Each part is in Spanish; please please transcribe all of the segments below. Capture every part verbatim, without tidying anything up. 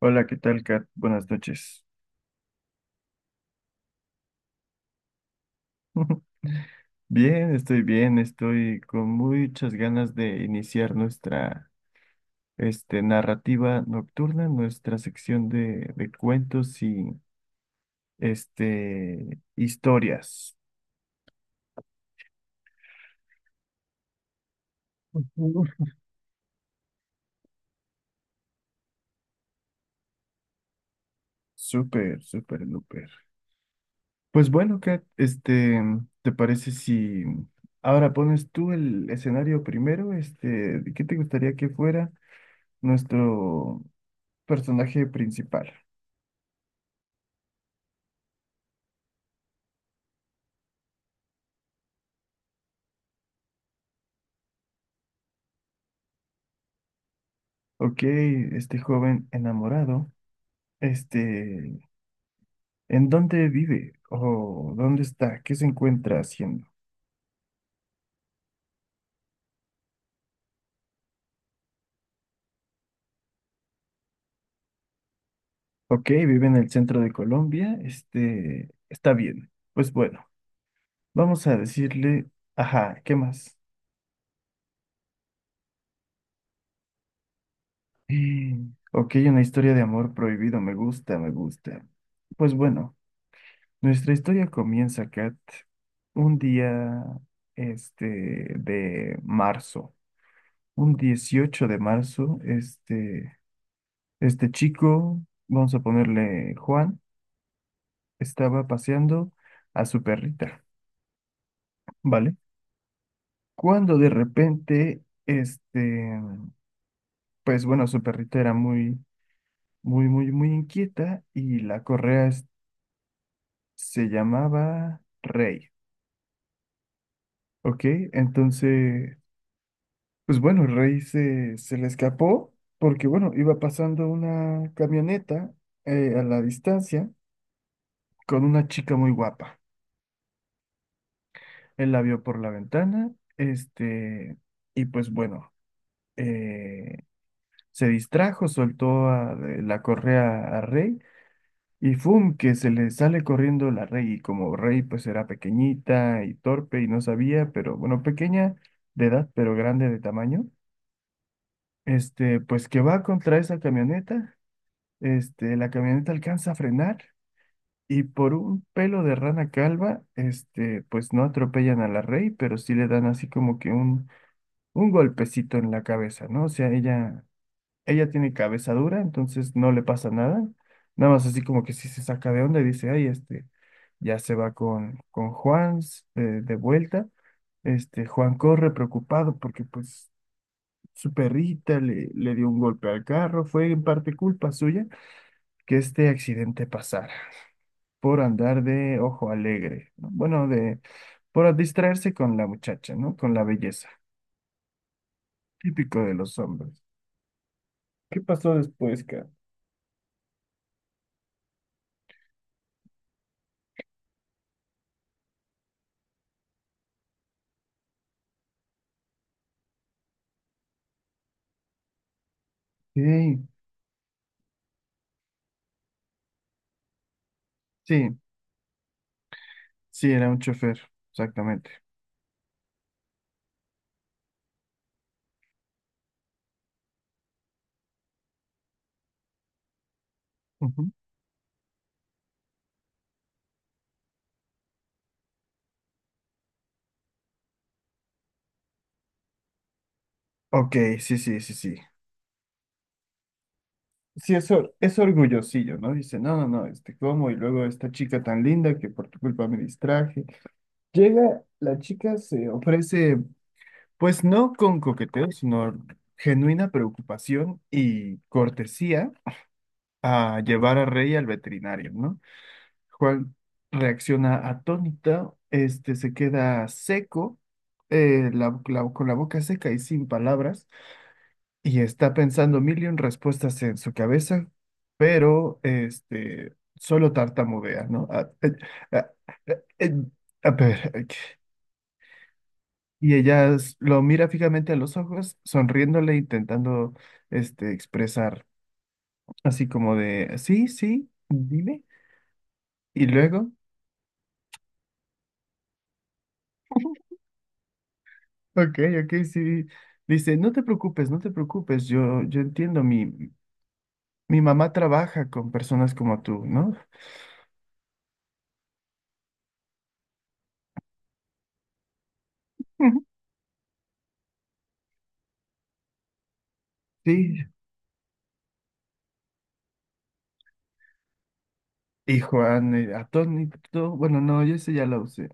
Hola, ¿qué tal, Kat? Buenas noches. Bien, estoy bien, estoy con muchas ganas de iniciar nuestra este, narrativa nocturna, nuestra sección de, de cuentos y este, historias. Uf. Súper, súper, súper. Pues bueno, Kat, este, ¿te parece si ahora pones tú el escenario primero? Este, ¿qué te gustaría que fuera nuestro personaje principal? Ok, este joven enamorado, este, ¿en dónde vive? ¿O dónde está? ¿Qué se encuentra haciendo? Ok, vive en el centro de Colombia, este, está bien. Pues bueno, vamos a decirle, ajá, ¿qué más? Mm, Ok, una historia de amor prohibido, me gusta, me gusta. Pues bueno, nuestra historia comienza, Kat, un día, este, de marzo, un dieciocho de marzo, este... Este chico, vamos a ponerle Juan, estaba paseando a su perrita, ¿vale? Cuando de repente, este, pues bueno, su perrita era muy, muy, muy, muy inquieta y la correa es- se llamaba Rey, ¿ok? Entonces, pues bueno, Rey se, se le escapó porque, bueno, iba pasando una camioneta eh, a la distancia con una chica muy guapa. Él la vio por la ventana, este, y pues bueno, eh, se distrajo, soltó a- de la correa a Rey y ¡fum! Que se le sale corriendo la Rey y como Rey pues era pequeñita y torpe y no sabía, pero bueno, pequeña de edad, pero grande de tamaño, este, pues que va contra esa camioneta, este, la camioneta alcanza a frenar. Y por un pelo de rana calva, este, pues no atropellan a la Rey, pero sí le dan así como que un, un golpecito en la cabeza, ¿no? O sea, ella, ella tiene cabeza dura, entonces no le pasa nada. Nada más así como que si se saca de onda y dice, ay, este, ya se va con, con Juan eh, de vuelta. Este, Juan corre preocupado porque pues su perrita le, le dio un golpe al carro. Fue en parte culpa suya que este accidente pasara por andar de ojo alegre, ¿no? Bueno, de por distraerse con la muchacha, ¿no? Con la belleza, típico de los hombres. ¿Qué pasó después, cara? Sí, sí, sí, era un chofer, exactamente. Ujú. Ok, sí, sí, sí, sí. Sí, es, or- es orgullosillo, ¿no? Dice, no, no, no, este, ¿cómo? Y luego esta chica tan linda que por tu culpa me distraje. Llega, la chica se ofrece, pues no con coqueteo, sino genuina preocupación y cortesía a llevar a Rey al veterinario, ¿no? Juan reacciona atónita, este se queda seco, eh, la- la- con la boca seca y sin palabras, y está pensando mil y un respuestas en su cabeza, pero este solo tartamudea, ¿no? Ah, eh, ah, eh, eh, a ver, eh, y ella s- lo mira fijamente a los ojos, sonriéndole, intentando este expresar así como de sí, sí, dime, y luego. Ok, ok, sí. Dice, no te preocupes, no te preocupes, yo, yo entiendo, mi, mi mamá trabaja con personas como tú, ¿no? Ujú. Sí. Y Juan, eh, atónito, bueno, no, yo ese ya lo usé.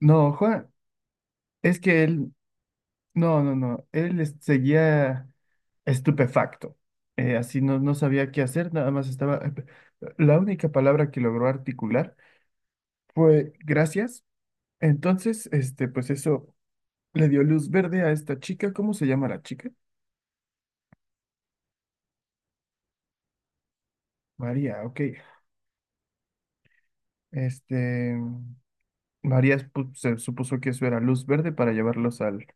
No, Juan, es que él, no, no, no, él es- seguía estupefacto. Eh, así no, no sabía qué hacer, nada más estaba... eh, La única palabra que logró articular fue gracias. Entonces, este, pues eso le dio luz verde a esta chica. ¿Cómo se llama la chica? María, ok. Este, María spu- se supuso que eso era luz verde para llevarlos al,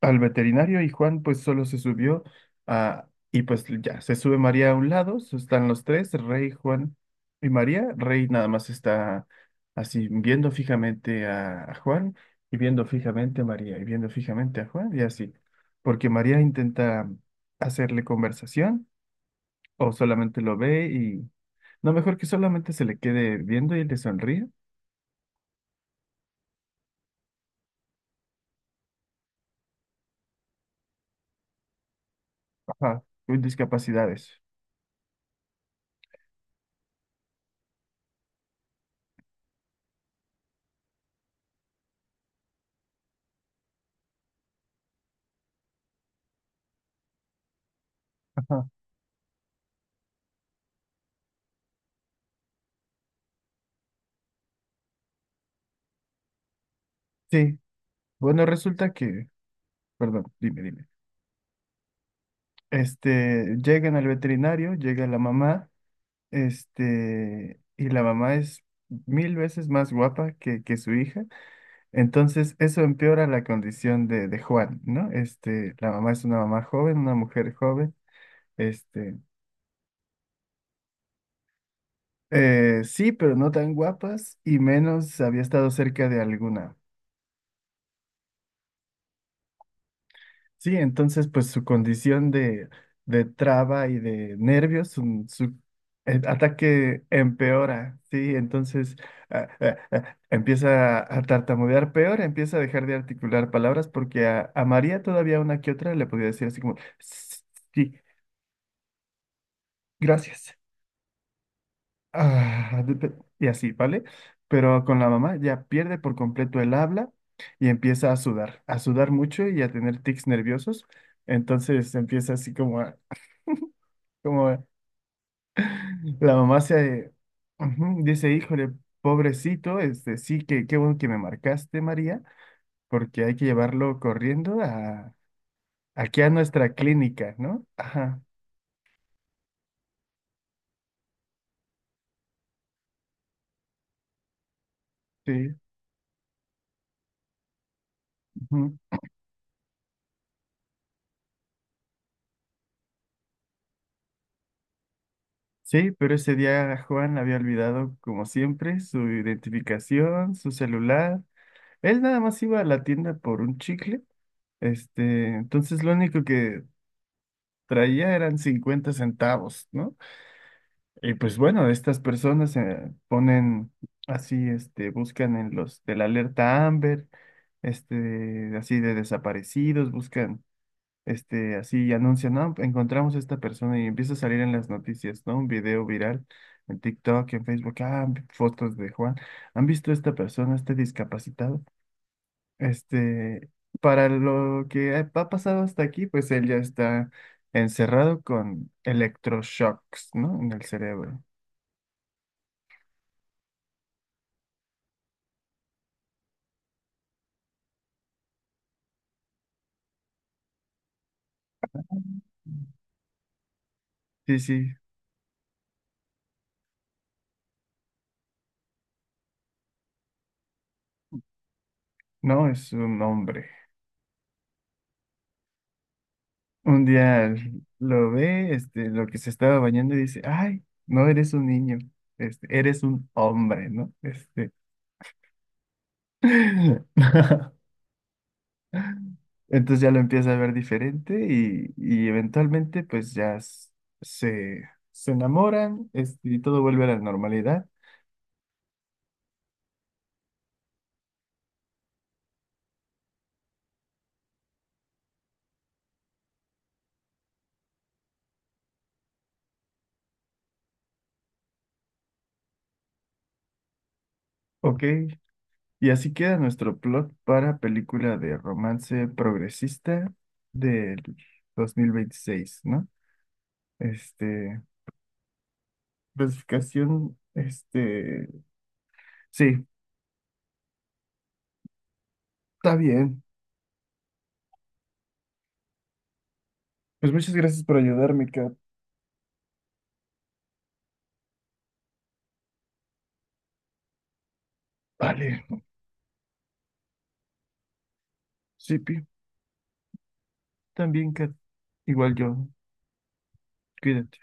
al veterinario y Juan pues solo se subió a, y pues ya, se sube María a un lado, so- están los tres, Rey, Juan y María. Rey nada más está así viendo fijamente a, a Juan y viendo fijamente a María y viendo fijamente a Juan y así, porque María intenta hacerle conversación o solamente lo ve y... No, mejor que solamente se le quede viendo y le sonríe. Ajá, con discapacidades. Ajá. Sí, bueno, resulta que, perdón, dime, dime. Este, llegan al veterinario, llega la mamá, este, y la mamá es mil veces más guapa que, que su hija, entonces eso empeora la condición de, de Juan, ¿no? Este, la mamá es una mamá joven, una mujer joven, este, eh, sí, pero no tan guapas y menos había estado cerca de alguna. Sí, entonces pues su condición de, de traba y de nervios, su, su, eh, ataque empeora, sí, entonces ah, ah, ah, empieza a tartamudear peor, empieza a dejar de articular palabras porque a, a María todavía una que otra le podía decir así como, sí, gracias, ah, de- de- y así, ¿vale? Pero con la mamá ya pierde por completo el habla y empieza a sudar, a sudar mucho y a tener tics nerviosos. Entonces empieza así como a, como la mamá se ujú, dice, híjole, pobrecito, este, sí, que qué bueno que me marcaste, María, porque hay que llevarlo corriendo a, aquí a nuestra clínica, ¿no? Ajá, sí. Ujú. Sí, pero ese día Juan había olvidado, como siempre, su identificación, su celular. Él nada más iba a la tienda por un chicle, este, entonces lo único que traía eran cincuenta centavos, ¿no? Y pues bueno, estas personas se ponen así, este, buscan en los de la alerta Amber, este, así de desaparecidos, buscan, este, así y anuncian, no, encontramos a esta persona y empieza a salir en las noticias, ¿no? Un video viral en TikTok, en Facebook, ah, fotos de Juan. ¿Han visto a esta persona, este discapacitado? Este, para lo que ha ha pasado hasta aquí, pues él ya está encerrado con electroshocks, ¿no? En el cerebro. Sí, sí. No, es un hombre. Un día lo ve, este, lo que se estaba bañando y dice, ay, no eres un niño, este, eres un hombre, ¿no? Este. Entonces ya lo empieza a ver diferente y, y eventualmente pues ya s- se, se enamoran, este, y todo vuelve a la normalidad. Ok, y así queda nuestro plot para película de romance progresista del dos mil veintiséis, ¿no? Este... Clasificación, este, sí, está bien. Pues muchas gracias por ayudarme, Kat. Vale, Sipi, también, Kat. Igual yo, cuídate.